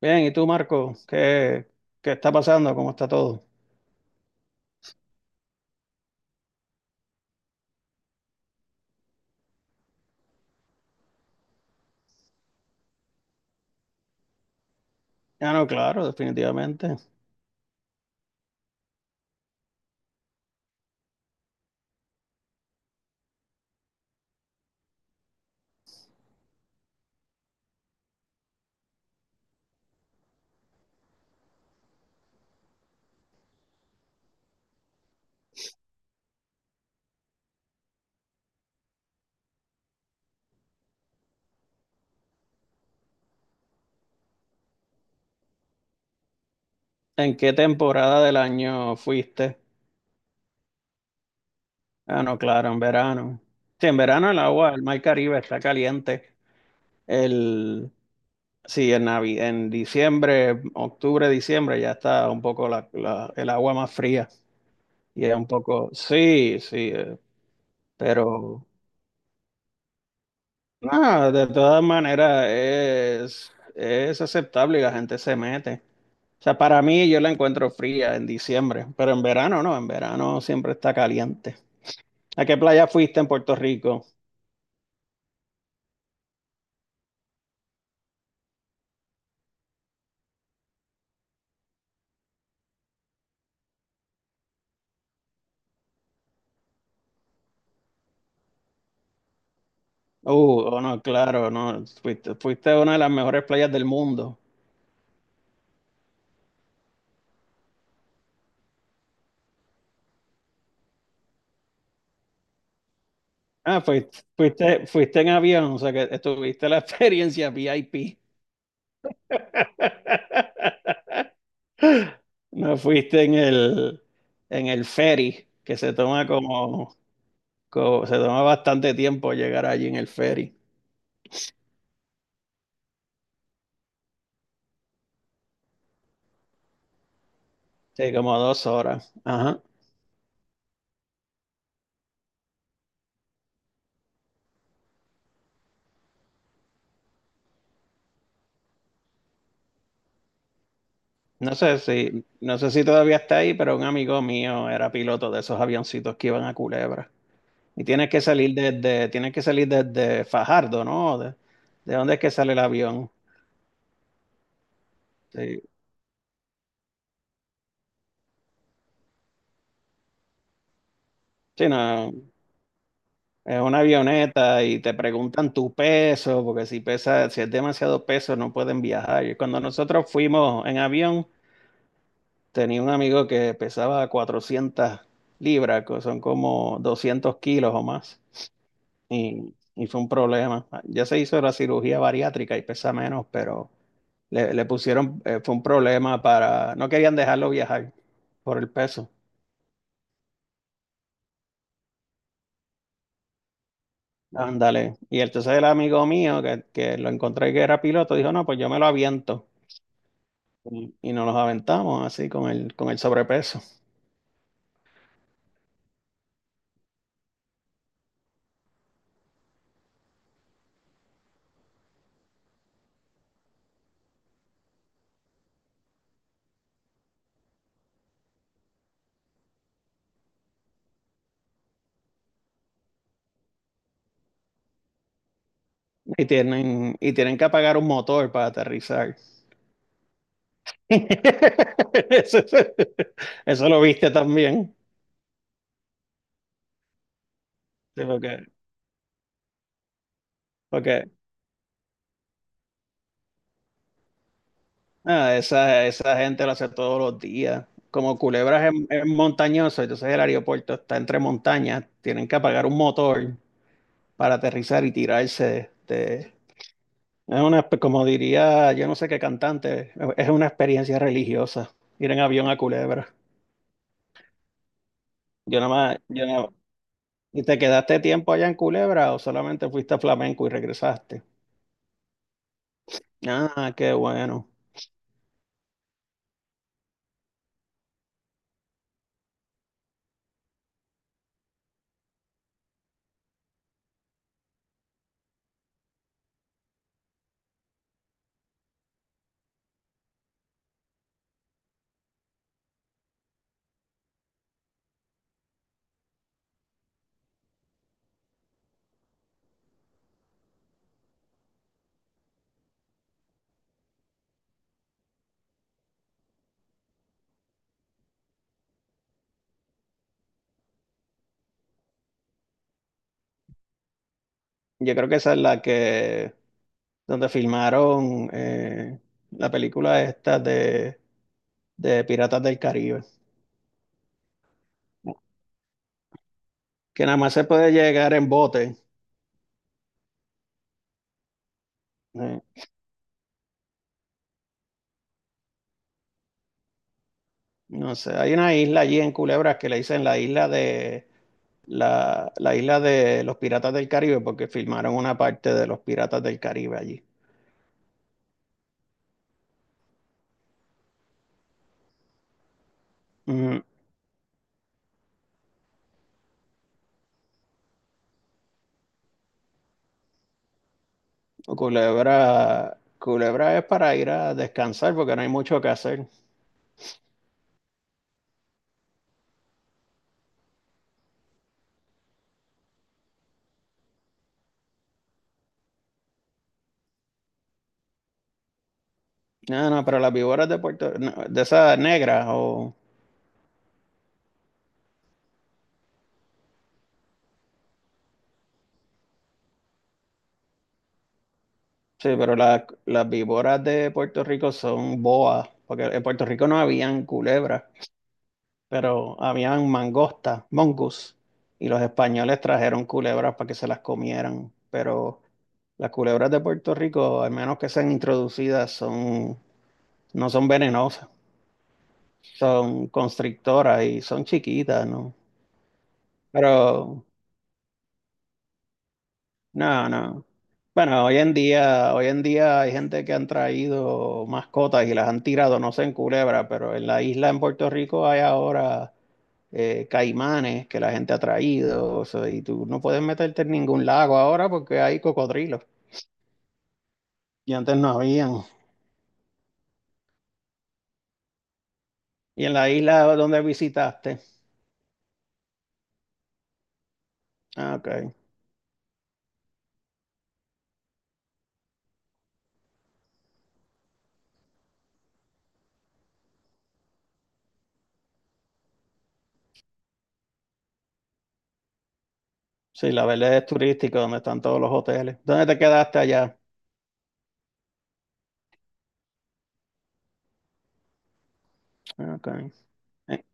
Bien, ¿y tú, Marco? ¿Qué está pasando? ¿Cómo está todo? Ah, no, claro, definitivamente. ¿En qué temporada del año fuiste? Ah, no, claro, en verano. Sí, en verano el agua, el mar Caribe está caliente. El, sí, en, en diciembre, octubre, diciembre ya está un poco la, el agua más fría. Y es un poco, sí, sí, pero nada, de todas maneras es aceptable y la gente se mete. O sea, para mí yo la encuentro fría en diciembre, pero en verano no, en verano siempre está caliente. ¿A qué playa fuiste en Puerto Rico? Uh, oh, no, claro, no, fuiste a una de las mejores playas del mundo. Ah, fuiste en avión, o sea que tuviste la experiencia VIP. No fuiste en el ferry, que se toma bastante tiempo llegar allí en el ferry. Sí, como 2 horas. Ajá. No sé si todavía está ahí, pero un amigo mío era piloto de esos avioncitos que iban a Culebra. Y tienes que salir desde Fajardo, ¿no? ¿De dónde es que sale el avión? Sí. Sí, no, es una avioneta y te preguntan tu peso, porque si es demasiado peso no pueden viajar. Y cuando nosotros fuimos en avión, tenía un amigo que pesaba 400 libras, que son como 200 kilos o más. Y fue un problema. Ya se hizo la cirugía bariátrica y pesa menos, pero le pusieron, fue un problema no querían dejarlo viajar por el peso. Ándale. Y entonces el amigo mío que lo encontré que era piloto dijo, no, pues yo me lo aviento. Y nos los aventamos así con el sobrepeso. Y tienen que apagar un motor para aterrizar. Eso, eso lo viste también. Sí, porque, porque ah, esa gente lo hace todos los días. Como Culebra es montañoso, entonces el aeropuerto está entre montañas, tienen que apagar un motor para aterrizar y tirarse. Es una, como diría, yo no sé qué cantante, es una experiencia religiosa ir en avión a Culebra. Yo nada más, yo nada- ¿Y te quedaste tiempo allá en Culebra o solamente fuiste a Flamenco y regresaste? Ah, qué bueno. Yo creo que esa es donde filmaron la película esta de Piratas del Caribe, que nada más se puede llegar en bote. eh, No sé, hay una isla allí en Culebras que le dicen la isla de la isla de los Piratas del Caribe porque filmaron una parte de los Piratas del Caribe allí. Ujú. Culebra es para ir a descansar porque no hay mucho que hacer. No, no, pero las víboras de Puerto, no, de esas negras o sí, pero las víboras de Puerto Rico son boas, porque en Puerto Rico no habían culebras. Pero habían mangosta, mongoose, y los españoles trajeron culebras para que se las comieran, pero las culebras de Puerto Rico, al menos que sean introducidas, no son venenosas, son constrictoras y son chiquitas, ¿no? Pero, no, no. Bueno, hoy en día hay gente que han traído mascotas y las han tirado, no sé en Culebra, pero en la isla en Puerto Rico hay ahora caimanes que la gente ha traído, o sea, y tú no puedes meterte en ningún lago ahora porque hay cocodrilos y antes no habían. Y en la isla donde visitaste, ah, ok. Sí, la Verde es turística, donde están todos los hoteles. ¿Dónde te quedaste allá? Ah, ok. ¿En,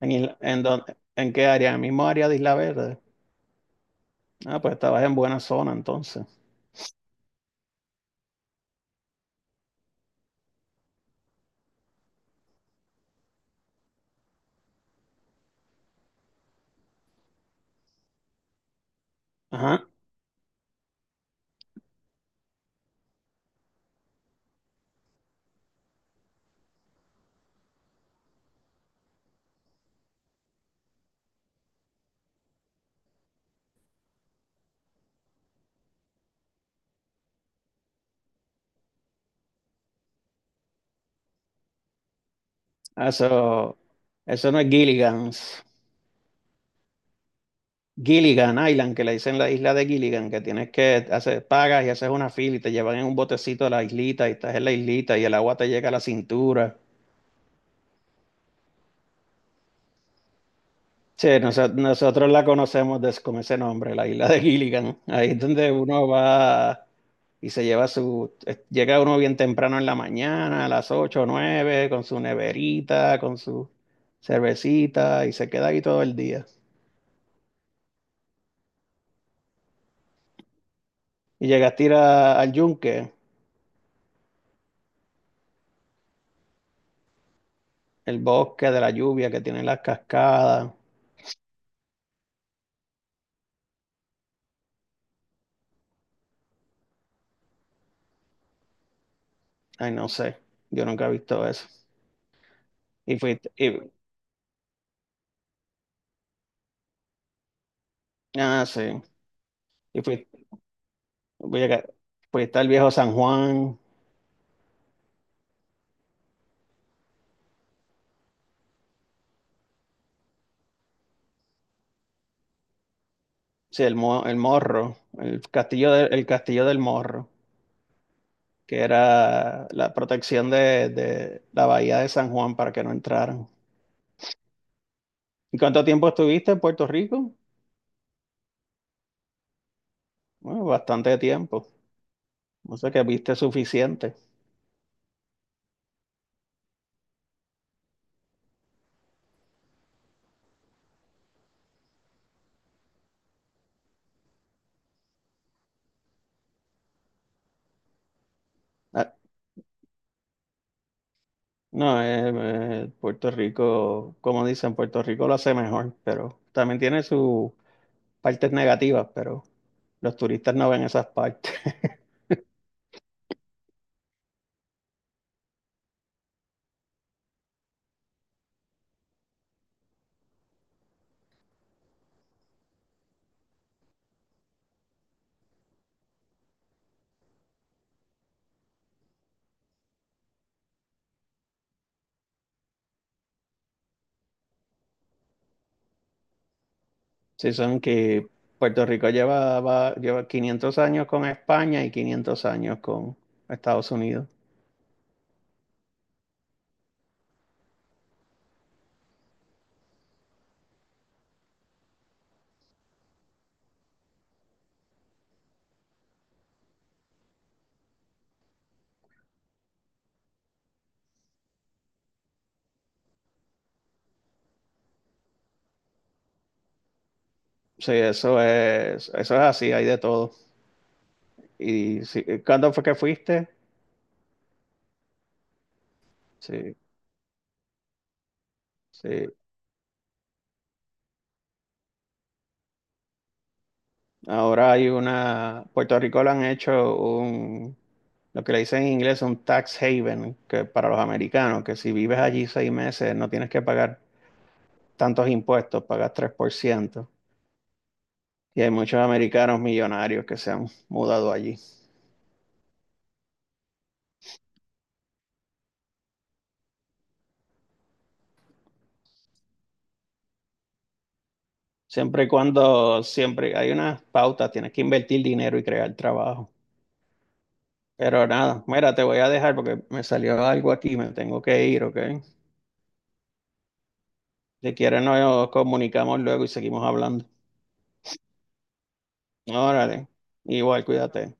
en qué área? ¿En el mismo área de Isla Verde? Ah, pues estabas en buena zona entonces. Ajá. Ah, eso no es Gilligan's. Gilligan Island, que le dicen la isla de Gilligan, que tienes que hacer, pagas y haces una fila y te llevan en un botecito a la islita y estás en la islita y el agua te llega a la cintura. Sí, nosotros la conocemos con ese nombre, la isla de Gilligan. Ahí es donde uno va Llega uno bien temprano en la mañana, a las ocho o 9, con su neverita, con su cervecita y se queda ahí todo el día. Y llegaste a ir al yunque, el bosque de la lluvia que tiene las cascadas. Ay, no sé. Yo nunca he visto eso. Y fui, y, ah, sí. Y fui, voy a, Fui, está el viejo San Juan, sí, el morro, el castillo, el castillo del morro, que era la protección de la bahía de San Juan para que no entraran. ¿Y cuánto tiempo estuviste en Puerto Rico? Bueno, bastante tiempo. No sé que viste suficiente. Ah, no, Puerto Rico, como dicen, Puerto Rico lo hace mejor, pero también tiene su partes negativas, pero los turistas no ven esas partes. Sí, son que Puerto Rico lleva 500 años con España y 500 años con Estados Unidos. Sí, eso es así, hay de todo. Y sí, ¿cuándo fue que fuiste? Sí, sí. Puerto Rico le han hecho un, lo que le dicen en inglés, un tax haven, que para los americanos, que si vives allí 6 meses no tienes que pagar tantos impuestos, pagas 3%. Y hay muchos americanos millonarios que se han mudado allí. Siempre y cuando, siempre hay unas pautas, tienes que invertir dinero y crear trabajo. Pero nada, mira, te voy a dejar porque me salió algo aquí, me tengo que ir, ¿ok? Si quieres nos comunicamos luego y seguimos hablando. Órale, igual, cuídate.